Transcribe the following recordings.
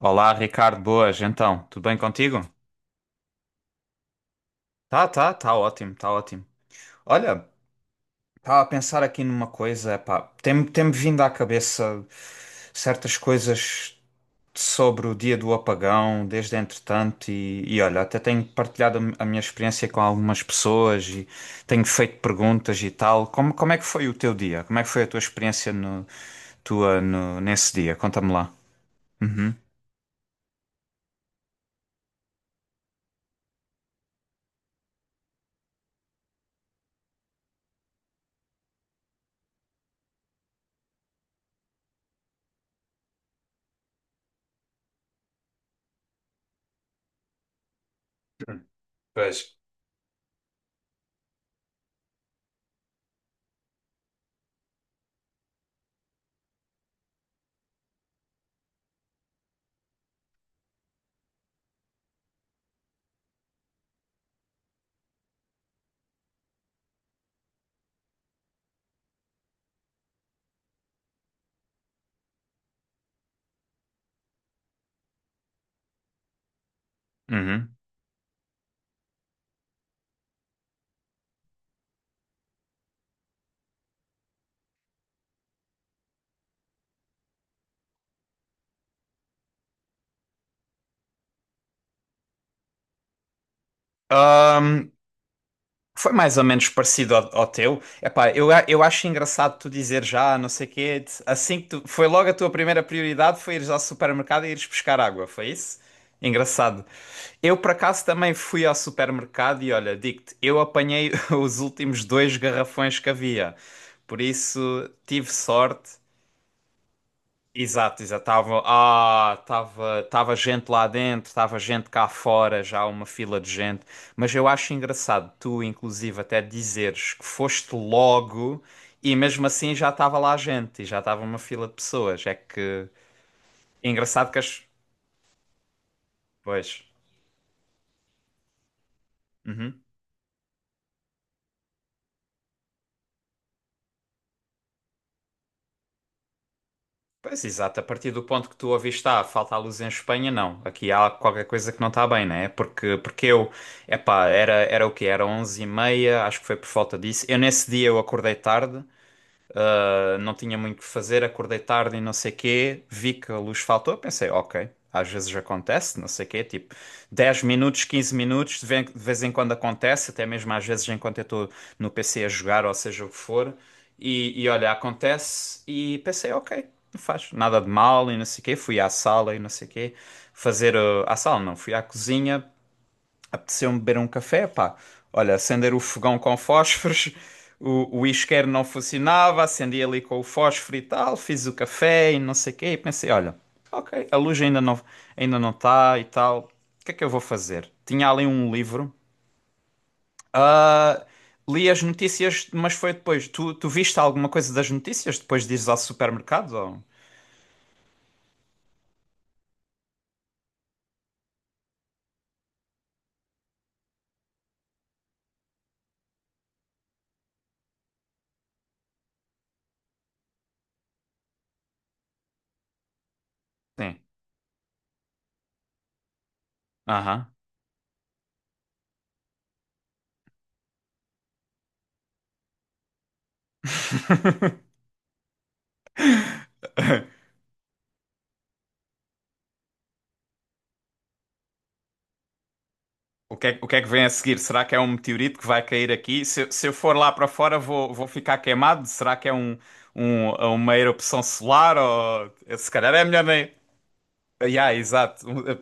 Olá, Ricardo, boas, então, tudo bem contigo? Tá ótimo, tá ótimo. Olha, estava a pensar aqui numa coisa, pá, tem-me vindo à cabeça certas coisas sobre o dia do apagão, desde entretanto, e olha, até tenho partilhado a minha experiência com algumas pessoas e tenho feito perguntas e tal. Como é que foi o teu dia? Como é que foi a tua experiência no, tua, no, nesse dia? Conta-me lá. Uhum. Pois. Uhum. Ahm, Foi mais ou menos parecido ao teu. Epá, eu acho engraçado tu dizer já, não sei quê, assim que tu, foi logo a tua primeira prioridade foi ires ao supermercado e ires buscar água, foi isso? Engraçado. Eu por acaso também fui ao supermercado e olha, digo-te, eu apanhei os últimos dois garrafões que havia. Por isso tive sorte. Exato, exato. Tava, tava, tava gente lá dentro, tava gente cá fora, já uma fila de gente. Mas eu acho engraçado tu, inclusive, até dizeres que foste logo e mesmo assim já estava lá gente e já estava uma fila de pessoas. É que é engraçado que as. Pois. Uhum. Pois, exato. A partir do ponto que tu ouviste, ah, falta a luz em Espanha, não. Aqui há qualquer coisa que não está bem, né? Porque eu, epá, era, era o quê? Era onze e meia acho que foi por falta disso. Eu nesse dia eu acordei tarde. Não tinha muito o que fazer, acordei tarde e não sei quê, vi que a luz faltou, pensei, ok, às vezes acontece, não sei quê, tipo 10 minutos, 15 minutos, de vez em quando acontece, até mesmo às vezes enquanto eu estou no PC a jogar, ou seja o que for, e olha, acontece, e pensei, ok, não faz nada de mal e não sei quê, fui à sala e não sei quê, fazer, à sala não, fui à cozinha. Apeteceu-me beber um café, pá. Olha, acender o fogão com fósforos, o isqueiro não funcionava, acendi ali com o fósforo e tal, fiz o café e não sei o quê, e pensei, olha, ok, a luz ainda não, ainda não está e tal, o que é que eu vou fazer? Tinha ali um livro, ah, li as notícias, mas foi depois. Tu viste alguma coisa das notícias depois de ires ao supermercado? Ou... Sim. Aham. O que é que vem a seguir? Será que é um meteorito que vai cair aqui? Se eu for lá para fora, vou, vou ficar queimado? Será que é um, uma erupção solar? Ou... Se calhar é melhor nem. Yeah, exato.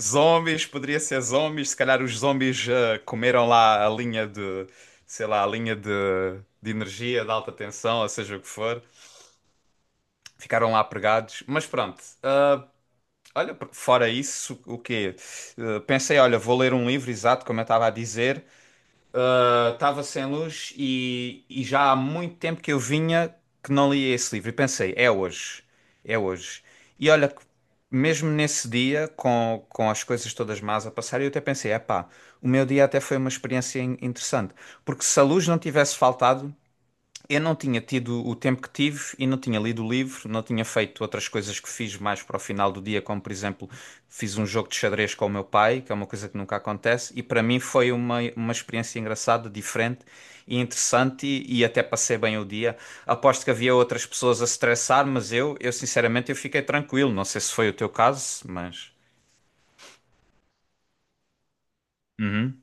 Zombies, poderia ser zombies. Se calhar os zombies comeram lá a linha de, sei lá, a linha de energia de alta tensão, ou seja o que for. Ficaram lá pregados. Mas pronto. Olha, fora isso, o quê? Pensei, olha, vou ler um livro, exato, como eu estava a dizer. Estava sem luz e já há muito tempo que eu vinha que não lia esse livro. E pensei, é hoje, é hoje. E olha, que mesmo nesse dia, com as coisas todas más a passar, eu até pensei, epá, o meu dia até foi uma experiência interessante. Porque se a luz não tivesse faltado, eu não tinha tido o tempo que tive e não tinha lido o livro, não tinha feito outras coisas que fiz mais para o final do dia, como por exemplo, fiz um jogo de xadrez com o meu pai, que é uma coisa que nunca acontece, e para mim foi uma experiência engraçada, diferente e interessante e até passei bem o dia. Aposto que havia outras pessoas a estressar, mas eu sinceramente eu fiquei tranquilo. Não sei se foi o teu caso, mas. Uhum,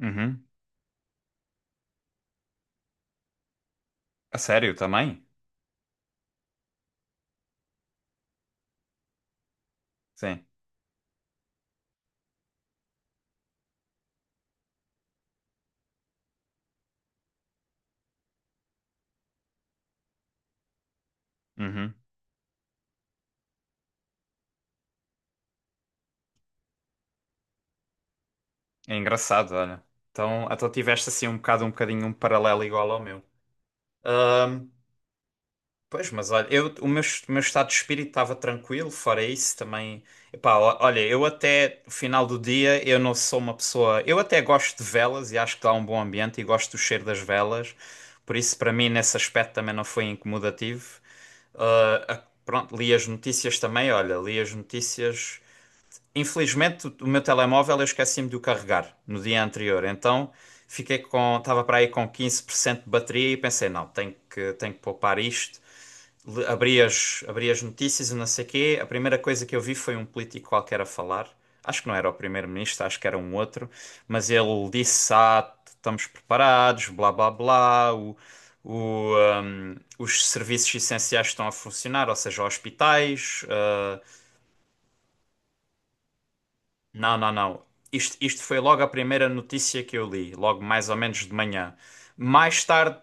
uhum. A sério também? Sim. Uhum. É engraçado, olha. Então tiveste assim um bocado, um bocadinho um paralelo igual ao meu. Ahm, pois, mas olha, o meu estado de espírito estava tranquilo, fora isso também. Epá, olha, eu até o final do dia eu não sou uma pessoa. Eu até gosto de velas e acho que dá um bom ambiente e gosto do cheiro das velas, por isso para mim nesse aspecto também não foi incomodativo. Pronto, li as notícias também, olha, li as notícias. Infelizmente, o meu telemóvel eu esqueci-me de o carregar no dia anterior, então fiquei com, estava para aí com 15% de bateria e pensei, não, tenho que poupar isto. Abri abri as notícias e não sei quê. A primeira coisa que eu vi foi um político qualquer a falar. Acho que não era o primeiro-ministro, acho que era um outro, mas ele disse, ah, estamos preparados, blá blá blá, o, os serviços essenciais estão a funcionar, ou seja, hospitais, ah, não, não, não. Isto foi logo a primeira notícia que eu li, logo mais ou menos de manhã. Mais tarde.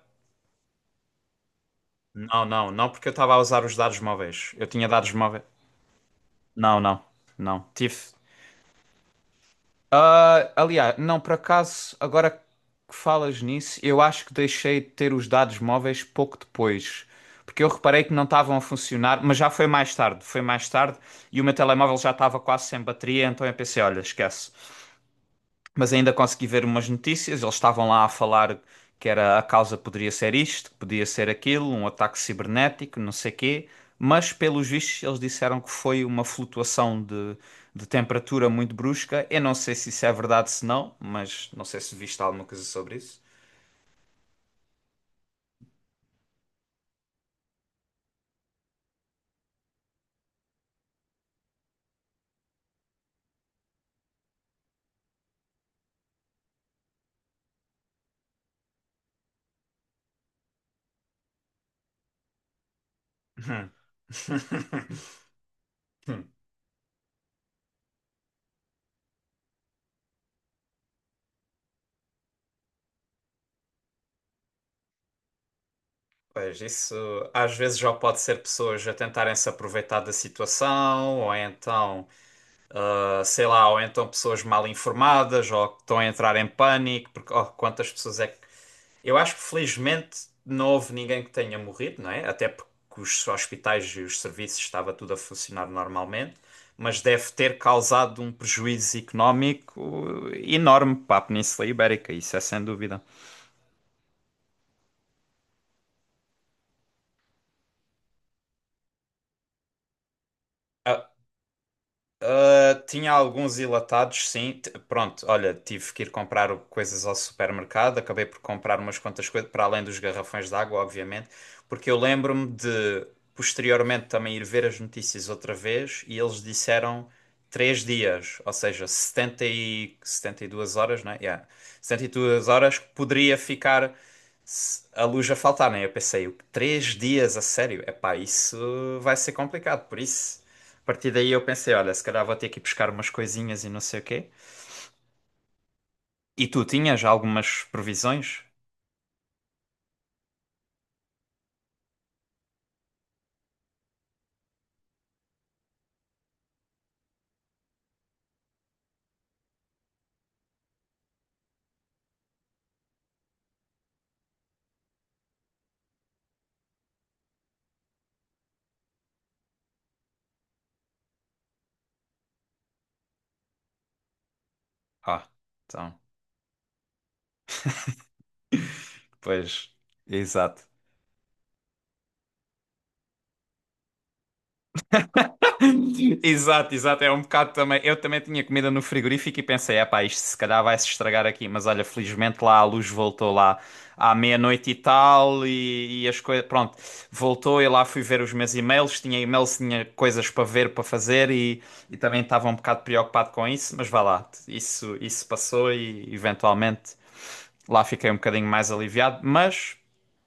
Não, não, não, porque eu estava a usar os dados móveis. Eu tinha dados móveis. Não, não, não. Tive. Ah, aliás, não, por acaso, agora que falas nisso, eu acho que deixei de ter os dados móveis pouco depois. Porque eu reparei que não estavam a funcionar, mas já foi mais tarde. Foi mais tarde e o meu telemóvel já estava quase sem bateria, então eu pensei: olha, esquece. Mas ainda consegui ver umas notícias. Eles estavam lá a falar que era, a causa poderia ser isto, que podia ser aquilo, um ataque cibernético, não sei quê. Mas, pelos vistos, eles disseram que foi uma flutuação de temperatura muito brusca. Eu não sei se isso é verdade, se não, mas não sei se viste alguma coisa sobre isso. Hum. Hum. Pois isso às vezes já pode ser pessoas a tentarem se aproveitar da situação, ou então ah, sei lá, ou então pessoas mal informadas, ou que estão a entrar em pânico, porque oh, quantas pessoas é que. Eu acho que felizmente não houve ninguém que tenha morrido, não é? Até porque os hospitais e os serviços estava tudo a funcionar normalmente, mas deve ter causado um prejuízo económico enorme para a Península Ibérica, isso é sem dúvida. A, tinha alguns enlatados, sim. Pronto, olha, tive que ir comprar coisas ao supermercado. Acabei por comprar umas quantas coisas, para além dos garrafões de água, obviamente, porque eu lembro-me de posteriormente também ir ver as notícias outra vez e eles disseram três dias, ou seja, 72 horas, né? Yeah. Setenta e duas horas que poderia ficar se a luz a faltar, né? Eu pensei, três dias a sério? Epá, isso vai ser complicado, por isso. A partir daí eu pensei, olha, se calhar vou ter que ir buscar umas coisinhas e não sei o quê. E tu tinhas algumas provisões? Ah, então, pois, exato. Exato, exato, é um bocado também. Eu também tinha comida no frigorífico e pensei, é pá, isto se calhar vai se estragar aqui, mas olha, felizmente lá a luz voltou lá à meia-noite e tal e as coisas, pronto, voltou e lá fui ver os meus e-mails, tinha coisas para ver, para fazer e também estava um bocado preocupado com isso, mas vá lá, isso passou e eventualmente lá fiquei um bocadinho mais aliviado,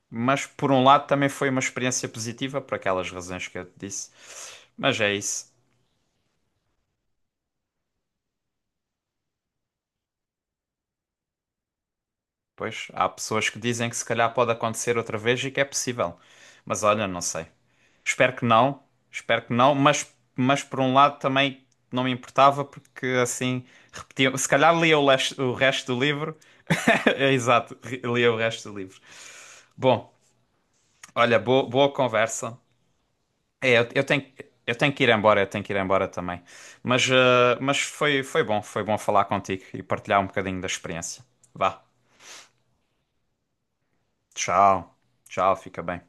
mas por um lado também foi uma experiência positiva por aquelas razões que eu te disse, mas é isso. Pois, há pessoas que dizem que se calhar pode acontecer outra vez e que é possível. Mas olha, não sei. Espero que não, espero que não, mas por um lado também não me importava porque assim repetia. Se calhar lia o resto do livro. Exato, lia o resto do livro. Bom, olha, boa, boa conversa. É, eu, eu tenho, eu tenho que ir embora, eu tenho que ir embora também. Mas foi, foi bom falar contigo e partilhar um bocadinho da experiência. Vá, tchau, tchau, fica bem.